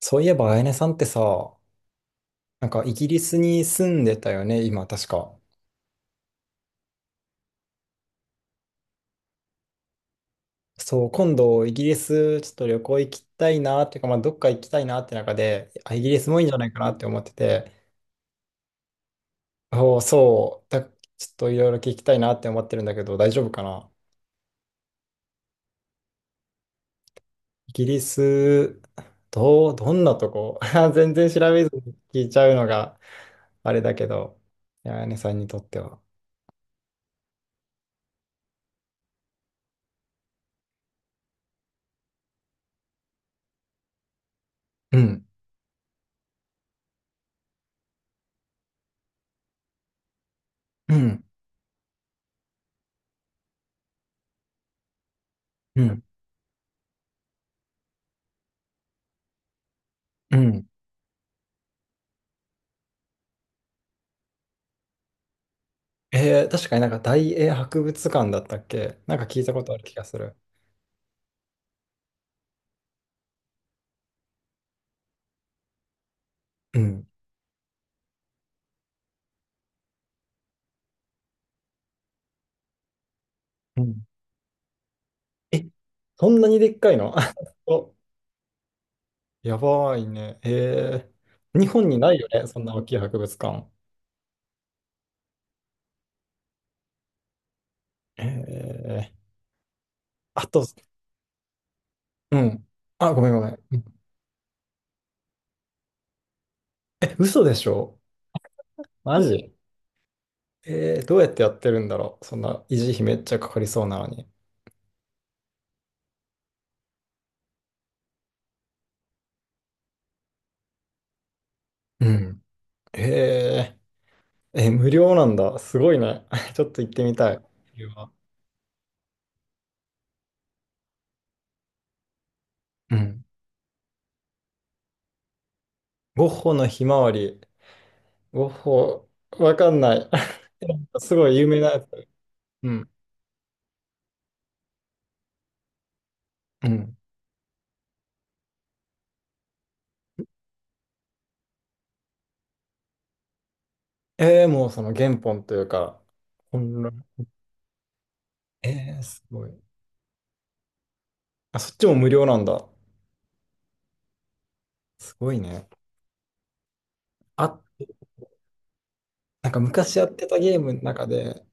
そういえば、あやねさんってさ、なんかイギリスに住んでたよね、今確か。そう、今度イギリスちょっと旅行行きたいなっていうか、まあ、どっか行きたいなって中で、あ、イギリスもいいんじゃないかなって思ってて、おーそう、ちょっといろいろ聞きたいなって思ってるんだけど、大丈夫かな？イギリス、どう、どんなとこ？ 全然調べずに聞いちゃうのが、あれだけど、あやねさんにとっては。うん、うん、うん、うん。えー、確かになんか大英博物館だったっけ？なんか聞いたことある気がする。うん。うん。え、そんなにでっかいの？ お、やばいね。えー、日本にないよね、そんな大きい博物館。えー、あと、うん。あ、ごめんごめん。うん。え、嘘でしょ？マジ？えー、どうやってやってるんだろう、そんな維持費めっちゃかかりそうなのに。うん。えー、え、無料なんだ。すごいね。ちょっと行ってみたい。無料は。うん。ゴッホのひまわり。ゴッホ、わかんない。すごい有名なやつ？うん。うん。えー、もうその原本というか、本来。えー、すごい。あ、そっちも無料なんだ。すごいね。あ、なんか昔やってたゲームの中で、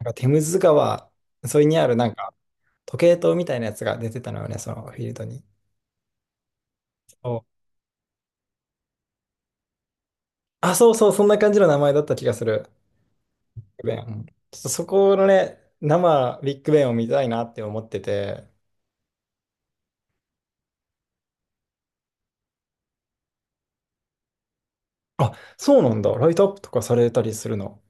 なんかテムズ川沿いにあるなんか時計塔みたいなやつが出てたのよね、そのフィールドに。そう、あ、そうそう、そんな感じの名前だった気がする。ビッグベン。うん、ちょっとそこのね、生ビッグベンを見たいなって思ってて、あ、そうなんだ。ライトアップとかされたりするの？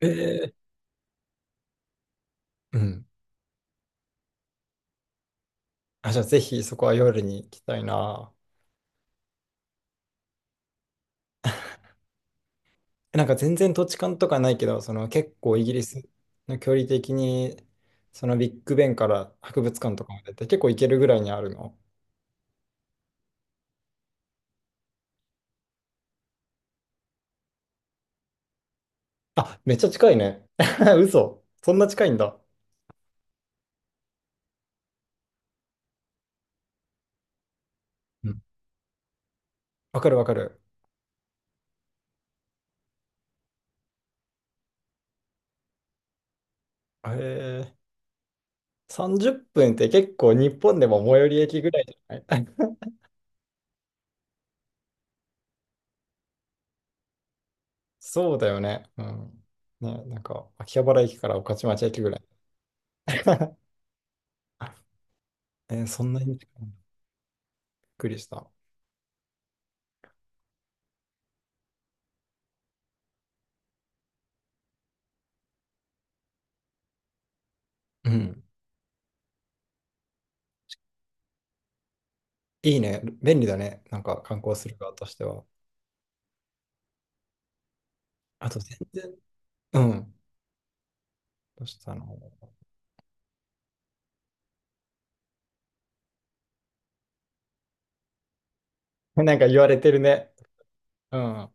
ええ、うん。あ、じゃあぜひそこは夜に行きたいな。なんか全然土地勘とかないけど、その結構イギリスの距離的に、そのビッグベンから博物館とかまでって結構行けるぐらいにあるの？あ、めっちゃ近いね。嘘。そんな近いんだ。うん、わかるわかる。ええ、30分っぷんって結構日本でも最寄り駅ぐらいじゃない？ そうだよね。うん。ね、なんか秋葉原駅から御徒町駅ぐらい。えー、そんなに近いの？びっくりした。うん。いいね。便利だね、なんか観光する側としては。あと全然。うん。どうしたの？なんか言われてるね。うん。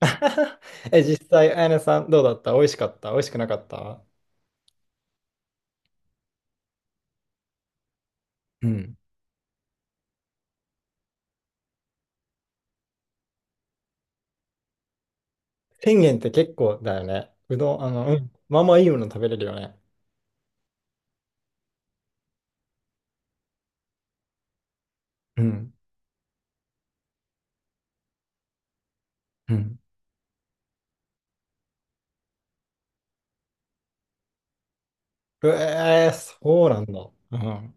え、実際、あやねさんどうだった？美味しかった、美味しくなかった？うん。1 0って結構だよね。うどん、あの、うん、まあまあいいもの食べれるよね。うん。うん。うえー、そうなんだ。うん。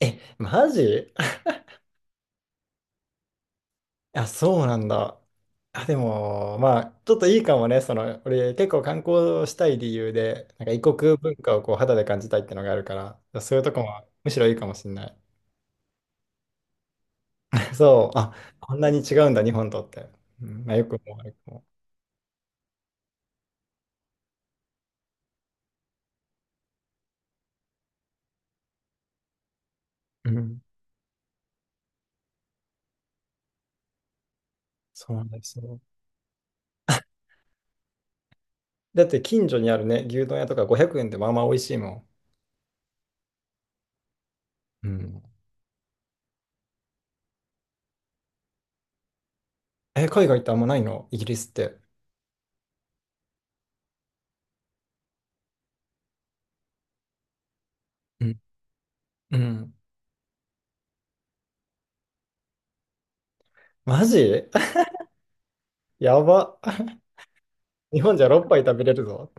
え、マジ？あ、そうなんだ。あ、でも、まあ、ちょっといいかもね。その、俺、結構観光したい理由で、なんか異国文化をこう肌で感じたいってのがあるから、そういうとこもむしろいいかもしんない。そう、あ、こんなに違うんだ、日本とって。うん、まあ、よくも悪くも。うん、そうなんですよ。だって、近所にあるね、牛丼屋とか500円でまあまあ美味しいもん。うん。え、海外ってあんまないの、イギリスって？うん。うん。マジ？ やば。日本じゃ6杯食べれるぞ。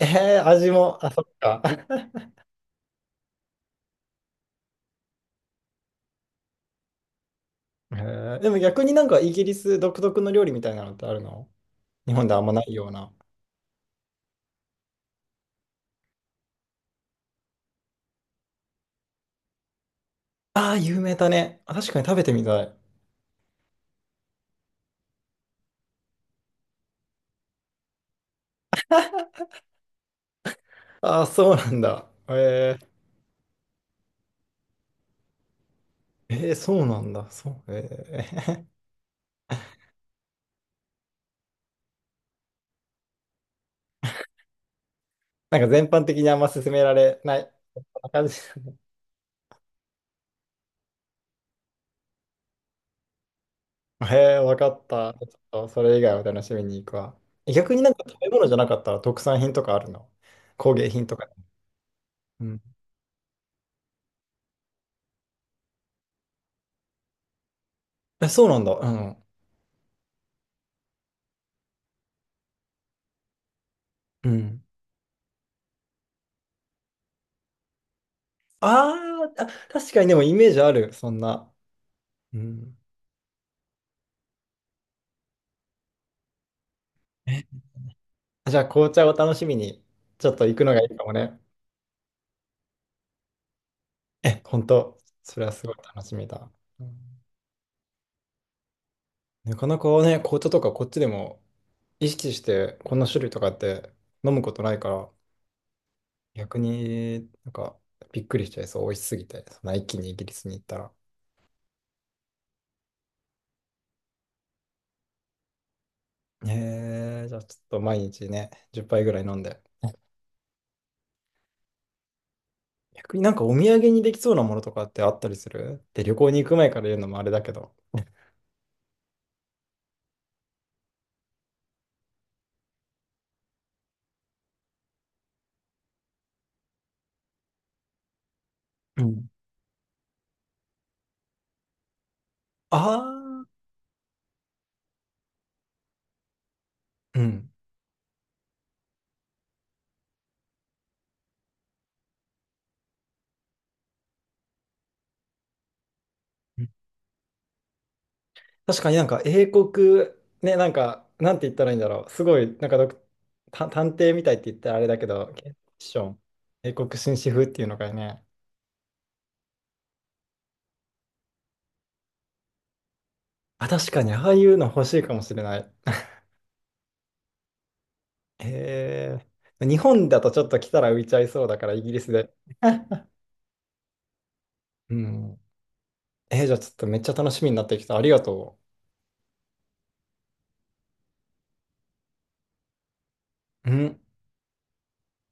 ええー、味も、あ、そっか。えー、でも逆になんかイギリス独特の料理みたいなのってあるの？日本であんまないような。ああ、有名だね。あ、確かに食べてみたい。ああ、そうなんだ。えええー、そうなんだ。そう。えー なんか全般的にあんま勧められない。そんな感じ。ええ、わかった。ちょっとそれ以外を楽しみに行くわ。逆になんか食べ物じゃなかったら特産品とかあるの？工芸品とか。うん。え、そうなんだ。うん。うん。あー、あ、確かにでもイメージある、そんな。うん。え、あ、じゃあ、紅茶を楽しみに、ちょっと行くのがいいかもね。え、本当？それはすごい楽しみだ。うん、なかなかね、紅茶とかこっちでも意識して、こんな種類とかって飲むことないから、逆になんかびっくりしちゃいそう、美味しすぎて、そんな一気にイギリスに行ったら。えー、じゃあちょっと毎日ね、10杯ぐらい飲んで。逆になんかお土産にできそうなものとかってあったりする？で、旅行に行く前から言うのもあれだけど。うん。ああ、うん。確かになんか英国、ね、なんか、なんて言ったらいいんだろう。すごい、なんかドクた探偵みたいって言ったらあれだけど、ケンフィクション、英国紳士風っていうのがね。あ、確かに、ああいうの欲しいかもしれない。えー、日本だとちょっと来たら浮いちゃいそうだから、イギリスで。うん。えー、じゃあちょっとめっちゃ楽しみになってきた。ありがとう。うん。